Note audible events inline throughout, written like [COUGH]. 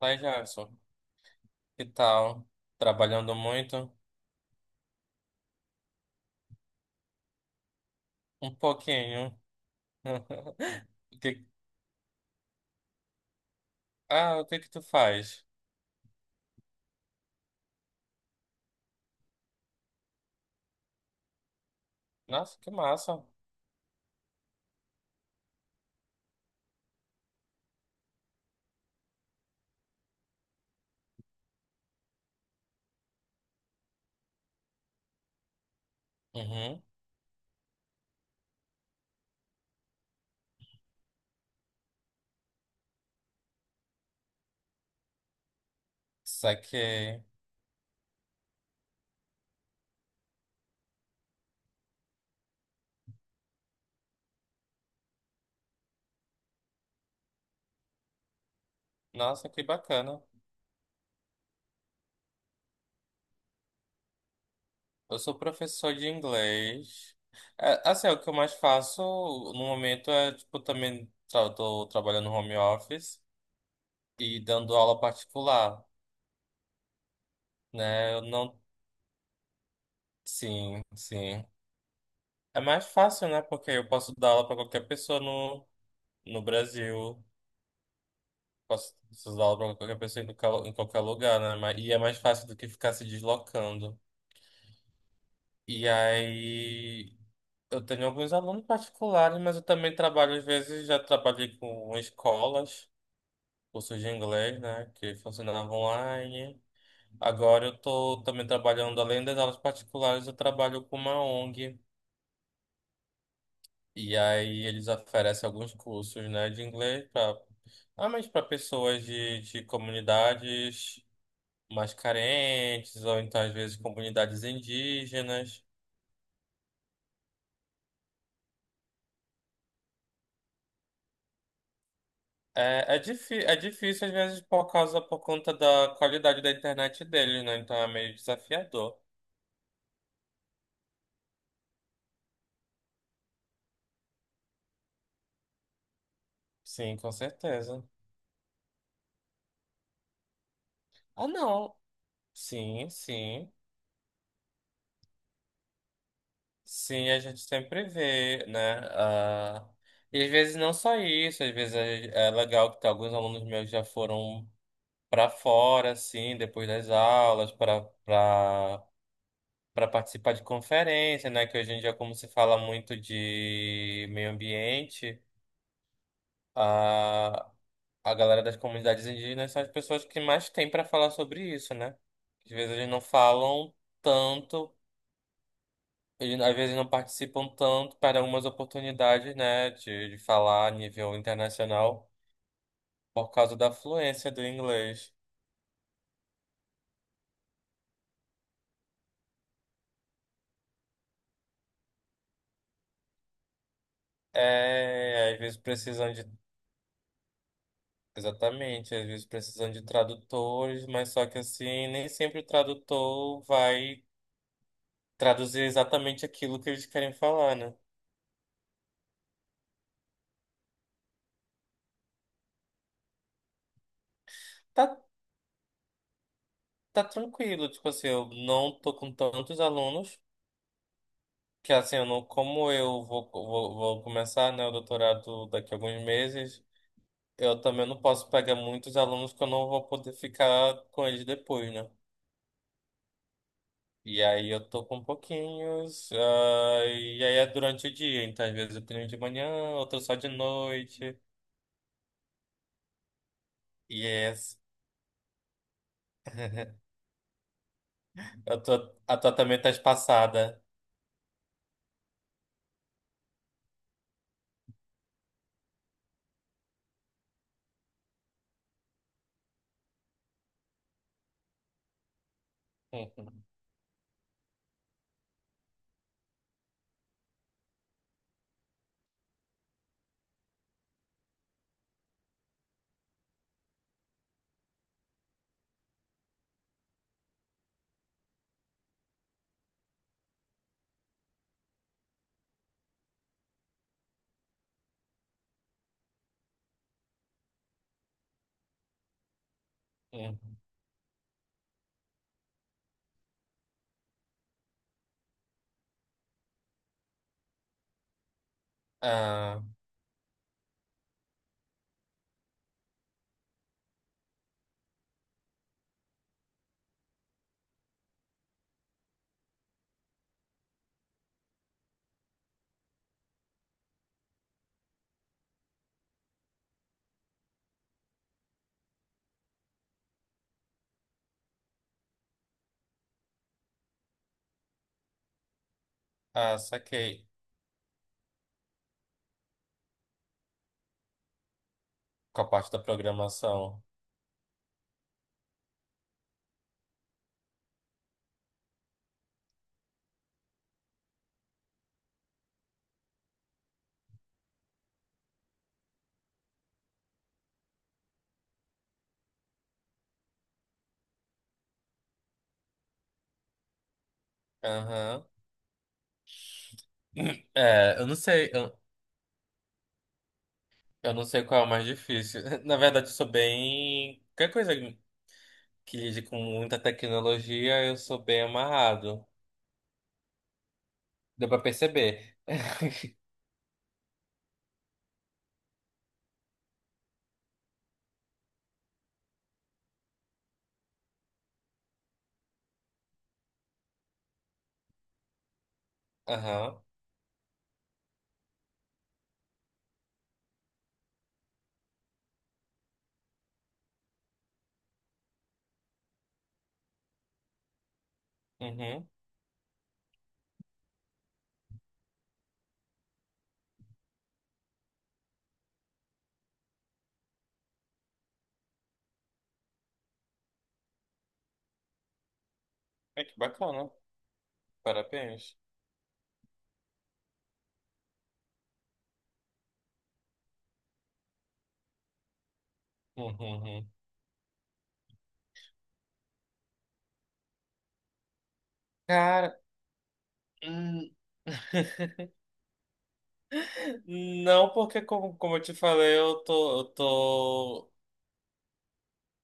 Vai, Jackson. Que tal? Trabalhando muito? Um pouquinho. [LAUGHS] O que- Ah, o que que tu faz? Nossa, que massa. Uhum. Saquei. Nossa, que bacana. Eu sou professor de inglês. É, assim, é o que eu mais faço no momento é, tipo, também tra tô trabalhando home office e dando aula particular, né? Eu não. Sim, sim. É mais fácil, né? Porque eu posso dar aula para qualquer pessoa no Brasil. Posso usar ela pra qualquer pessoa em qualquer lugar, né? E é mais fácil do que ficar se deslocando. E aí, eu tenho alguns alunos particulares, mas eu também trabalho, às vezes, já trabalhei com escolas, cursos de inglês, né, que funcionavam online. Agora eu tô também trabalhando, além das aulas particulares, eu trabalho com uma ONG. E aí eles oferecem alguns cursos, né, de inglês, pra, ah, mas para pessoas de comunidades mais carentes, ou então às vezes comunidades indígenas. É, é, difí é difícil às vezes por causa, por conta da qualidade da internet deles, né? Então é meio desafiador. Sim, com certeza. Ah, não. Sim, sim. Sim, a gente sempre vê, né? Ah, e às vezes não só isso, às vezes é legal alguns alunos meus já foram para fora, assim, depois das aulas, para participar de conferência, né? Que hoje em dia, como se fala muito de meio ambiente, a, a galera das comunidades indígenas são as pessoas que mais têm para falar sobre isso, né? Às vezes eles não falam tanto, eles, às vezes não participam tanto para algumas oportunidades, né? De falar a nível internacional por causa da fluência do inglês. É, às vezes precisam de. Exatamente, às vezes precisando de tradutores, mas só que assim, nem sempre o tradutor vai traduzir exatamente aquilo que eles querem falar, né? Tá, tá tranquilo, tipo assim, eu não tô com tantos alunos, que assim, eu não, como eu vou começar, né, o doutorado daqui a alguns meses, eu também não posso pegar muitos alunos que eu não vou poder ficar com eles depois, né? E aí eu tô com pouquinhos, ah, e aí é durante o dia, então às vezes eu tenho um de manhã, outro só de noite. Yes. Eu tô, a tua também tá espaçada. [LAUGHS] Uhum, uhum. Ah, ah, saquei. Com a parte da programação. Aham. [CLEARS THROAT] É, eu não sei qual é o mais difícil. [LAUGHS] Na verdade, eu sou bem. Qualquer coisa que lide com muita tecnologia, eu sou bem amarrado. Deu pra perceber. [LAUGHS] Aham. Uhum. É que bacana. Parabéns. Uhum, uhum. Cara, hum, não porque como eu te falei, eu tô, eu tô,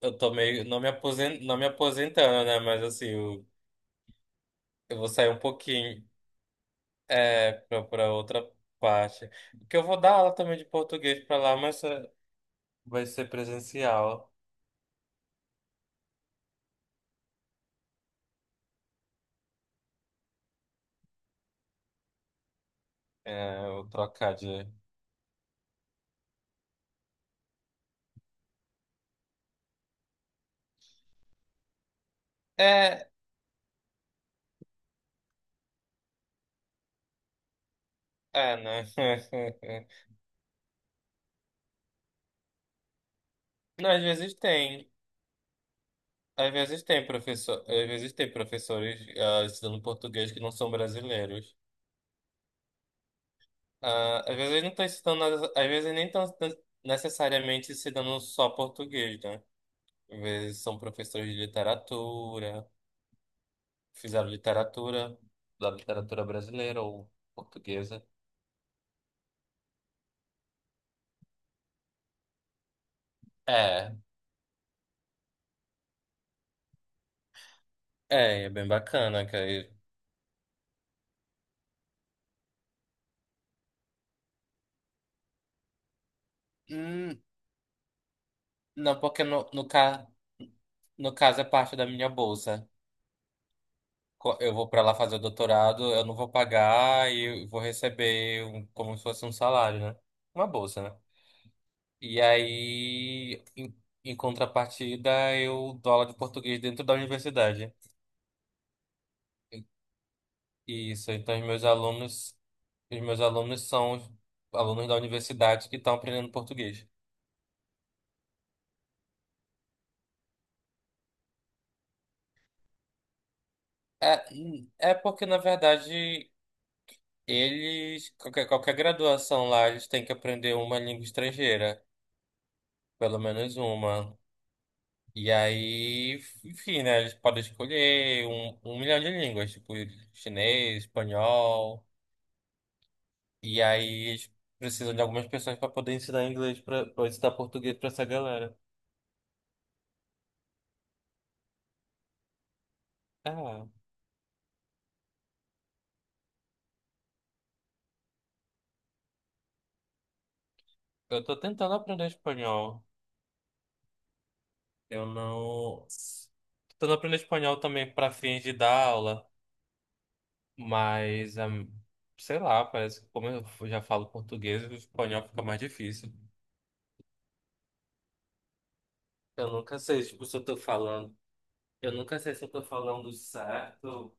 eu tô meio, não me aposentando, né? Mas assim, eu vou sair um pouquinho, é, pra, pra outra parte. Porque eu vou dar aula também de português pra lá, mas é vai ser presencial. Né? Eu vou trocar de. É, é, né? [LAUGHS] Não, às vezes tem. Às vezes tem professor, às vezes tem professores ensinando português que não são brasileiros. Ah, às vezes não estão ensinando, às vezes nem estão necessariamente ensinando só português, né? Às vezes são professores de literatura, fizeram literatura, da literatura brasileira ou portuguesa. É, é, é bem bacana, cara. Hum, não, porque no caso é parte da minha bolsa. Eu vou para lá fazer o doutorado, eu não vou pagar e vou receber um como se fosse um salário, né? Uma bolsa, né? E aí, em contrapartida, eu dou aula de português dentro da universidade. E isso, então os meus alunos são os alunos da universidade que estão aprendendo português. É, é porque, na verdade, qualquer, graduação lá, eles têm que aprender uma língua estrangeira, pelo menos uma. E aí, enfim, né? Eles podem escolher um milhão de línguas, tipo chinês, espanhol. E aí eles precisam de algumas pessoas para poder ensinar inglês, para ensinar português para essa galera. Ah, eu tô tentando aprender espanhol. Eu não. Tô tentando aprender espanhol também para fins de dar aula, mas, sei lá, parece que como eu já falo português, o espanhol fica mais difícil. Eu nunca sei, tipo, se eu tô falando. Eu nunca sei se eu tô falando certo.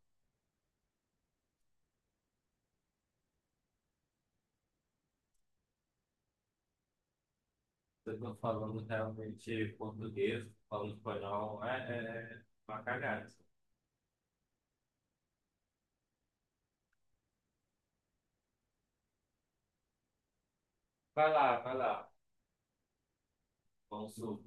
Eu tô falando realmente português, falando espanhol, é uma cagada. Vai lá, vai lá. Vamos supor.